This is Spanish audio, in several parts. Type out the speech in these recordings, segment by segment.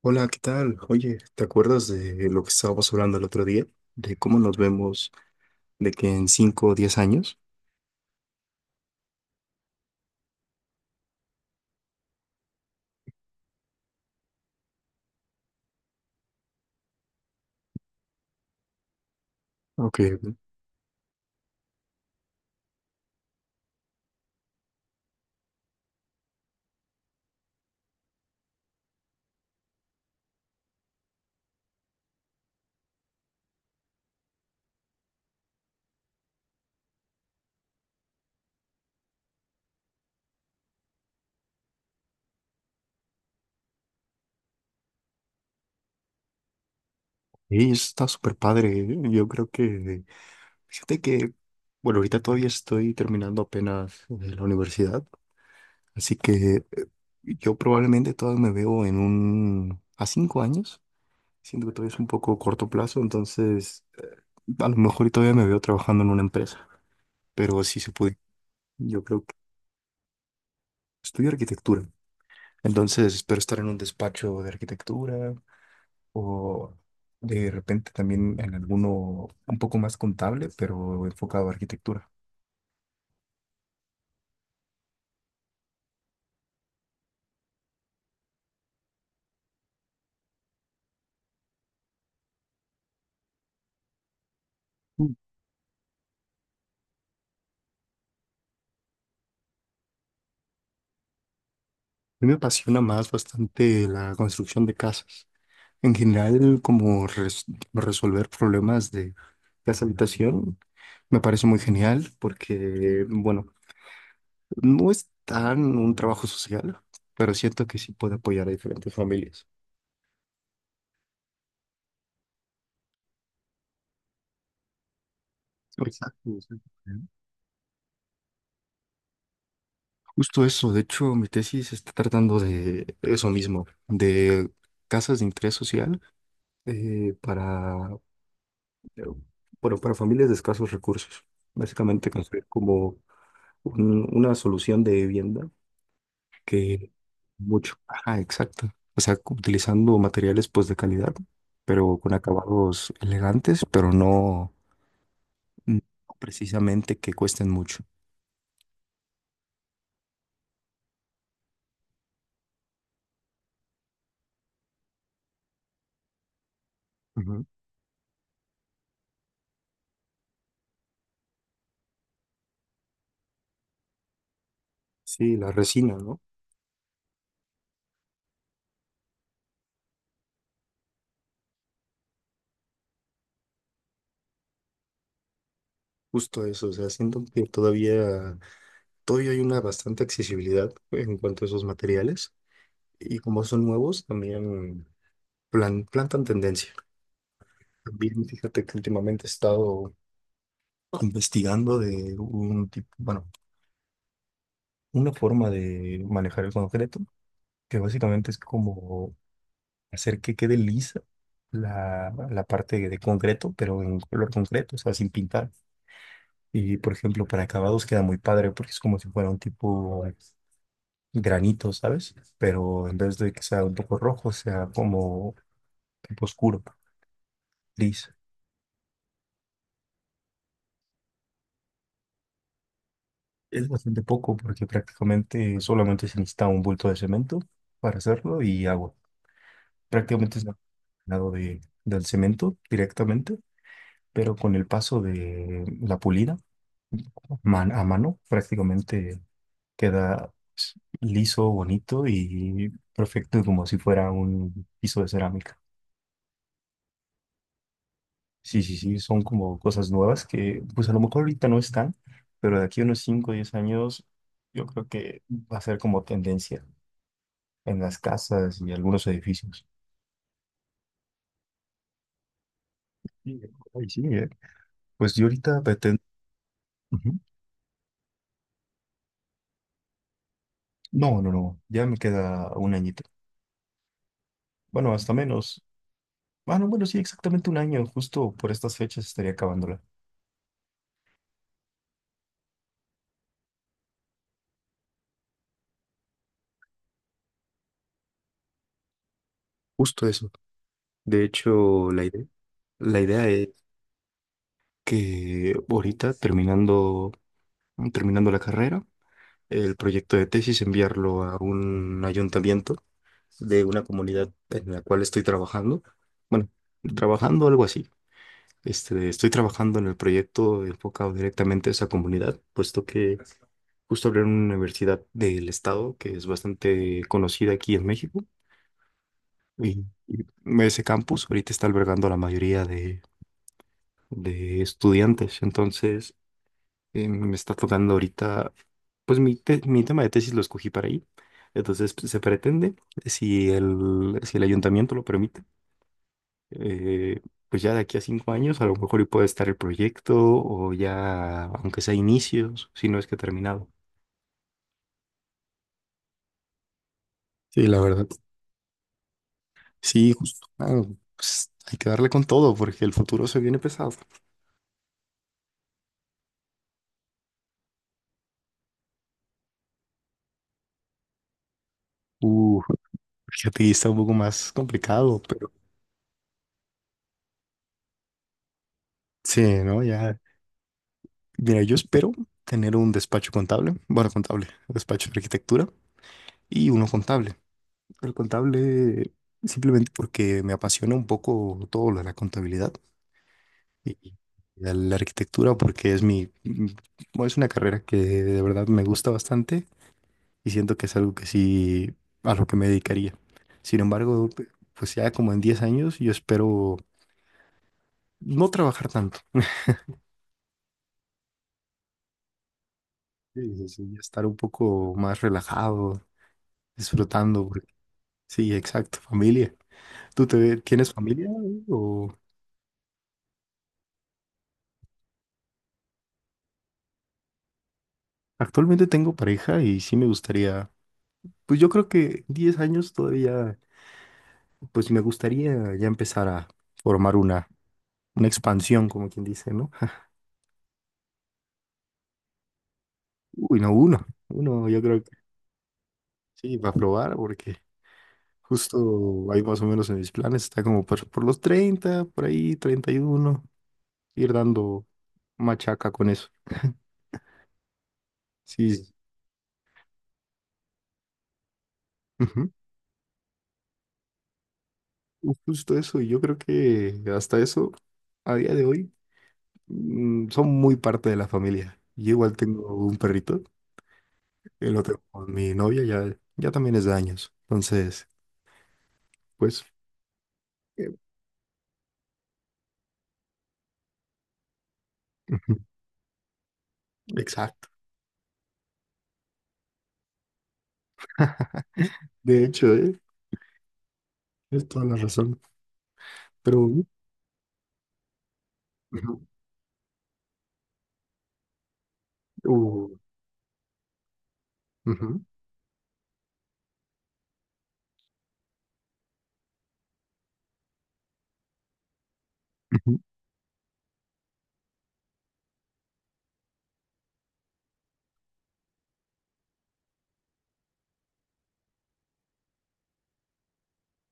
Hola, ¿qué tal? Oye, ¿te acuerdas de lo que estábamos hablando el otro día? De cómo nos vemos de que en 5 o 10 años. Aunque sí, eso está súper padre. Yo creo que, fíjate que, bueno, ahorita todavía estoy terminando apenas la universidad, así que yo probablemente todavía me veo en un, a 5 años. Siento que todavía es un poco corto plazo, entonces a lo mejor y todavía me veo trabajando en una empresa, pero sí se puede. Yo creo que estudio arquitectura. Entonces, espero estar en un despacho de arquitectura o de repente también en alguno un poco más contable, pero enfocado a arquitectura. Mm. A mí me apasiona más bastante la construcción de casas. En general, resolver problemas de casa habitación me parece muy genial porque, bueno, no es tan un trabajo social, pero siento que sí puede apoyar a diferentes familias. Exacto, exacto. Justo eso, de hecho, mi tesis está tratando de eso mismo, de casas de interés social eh, para, eh, bueno, para familias de escasos recursos. Básicamente construir como una solución de vivienda que mucho. Ajá, exacto. O sea, utilizando materiales pues de calidad, pero con acabados elegantes, pero no, no precisamente que cuesten mucho. Ujú. Sí, la resina, ¿no? Justo eso, o sea, siento que todavía hay una bastante accesibilidad en cuanto a esos materiales, y como son nuevos, también plantan tendencia. También fíjate que últimamente he estado investigando de un tipo, bueno, una forma de manejar el concreto, que básicamente es como hacer que quede lisa la parte de concreto, pero en color concreto, o sea, sin pintar. Y por ejemplo, para acabados queda muy padre porque es como si fuera un tipo granito, ¿sabes? Pero en vez de que sea un poco rojo, sea como tipo oscuro, gris. Es bastante poco porque prácticamente solamente se necesita un bulto de cemento para hacerlo y agua. Prácticamente es lado de, del cemento directamente, pero con el paso de la pulida a mano, prácticamente queda liso, bonito y perfecto como si fuera un piso de cerámica. Sí, sí, sí, son como cosas nuevas que pues a lo mejor ahorita no están, pero de aquí a unos 5 o 10 años yo creo que va a ser como tendencia en las casas y algunos edificios. Sí, ay, sí, ¿eh? Pues yo ahorita pretendo... Ujú. No, no, no, ya me queda un añito. Bueno, hasta menos. Bueno, bueno, sí, exactamente un año, justo por estas fechas estaría acabándola. Justo eso. De hecho, la idea es que ahorita terminando la carrera, el proyecto de tesis, enviarlo a un ayuntamiento de una comunidad en la cual estoy trabajando. Bueno, trabajando algo así. Este, estoy trabajando en el proyecto enfocado directamente a esa comunidad, puesto que justo abrieron una universidad del estado que es bastante conocida aquí en México. Y ese campus ahorita está albergando a la mayoría de estudiantes. Entonces, me está tocando ahorita, pues mi tema de tesis lo escogí para ahí. Entonces pues, se pretende, si si el ayuntamiento lo permite, eh, pues ya de aquí a cinco años a lo mejor y puede estar el proyecto o ya, aunque sea inicios, si no es que terminado. Sí, la verdad. Sí, justo. Ah, pues hay que darle con todo porque el futuro se viene pesado. Uh, fíjate, y está un poco más complicado, pero sí, ¿no? Ya mira, yo espero tener un despacho contable, bueno, contable, despacho de arquitectura y uno contable. El contable simplemente porque me apasiona un poco todo lo de la contabilidad, y la arquitectura porque es bueno, es una carrera que de verdad me gusta bastante y siento que es algo que sí, a lo que me dedicaría. Sin embargo, pues ya como en 10 años yo espero no trabajar tanto, sí, sí, sí, ya estar un poco más relajado, disfrutando. Sí, exacto, familia. ¿Tienes familia o actualmente tengo pareja y sí me gustaría, pues yo creo que 10 años todavía, pues sí me gustaría ya empezar a formar una expansión, como quien dice, ¿no? Uy, no, uno, uno, yo creo que sí, va a probar porque justo ahí más o menos en mis planes está como por los 30, por ahí 31, ir dando machaca con eso. Sí, ujú. Justo eso, y yo creo que hasta eso, a día de hoy son muy parte de la familia. Yo igual tengo un perrito, el otro con mi novia, ya también es de años. Entonces, pues, eh, ujú, exacto. De hecho, es toda la razón. Pero, ujú, ujú, uh, ujú, ujú,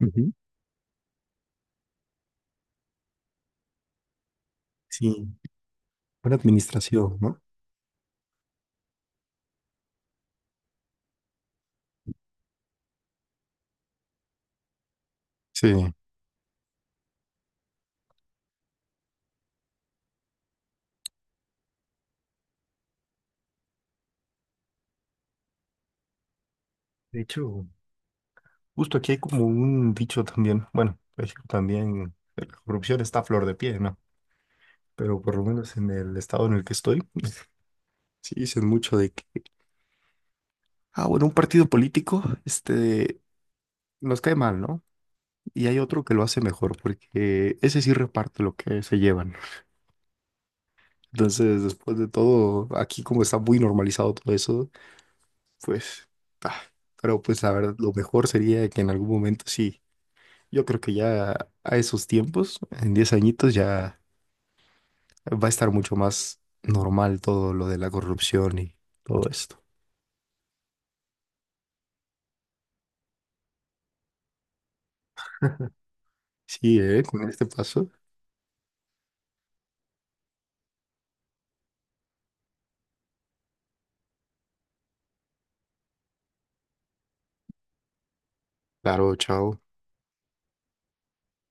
ujú. Sí, buena administración, ¿no? Sí. De hecho, justo aquí hay como un dicho también. Bueno, México también, la corrupción está a flor de pie, ¿no? Pero por lo menos en el estado en el que estoy, sí dicen mucho de que ah, bueno, un partido político, este, nos cae mal, ¿no? Y hay otro que lo hace mejor, porque ese sí reparte lo que se llevan. Entonces, después de todo, aquí como está muy normalizado todo eso, pues, ah, pero pues la verdad, lo mejor sería que en algún momento sí, yo creo que ya a esos tiempos, en 10 añitos, ya va a estar mucho más normal todo lo de la corrupción y todo esto. Sí, ¿eh? Con este paso. Claro, chao.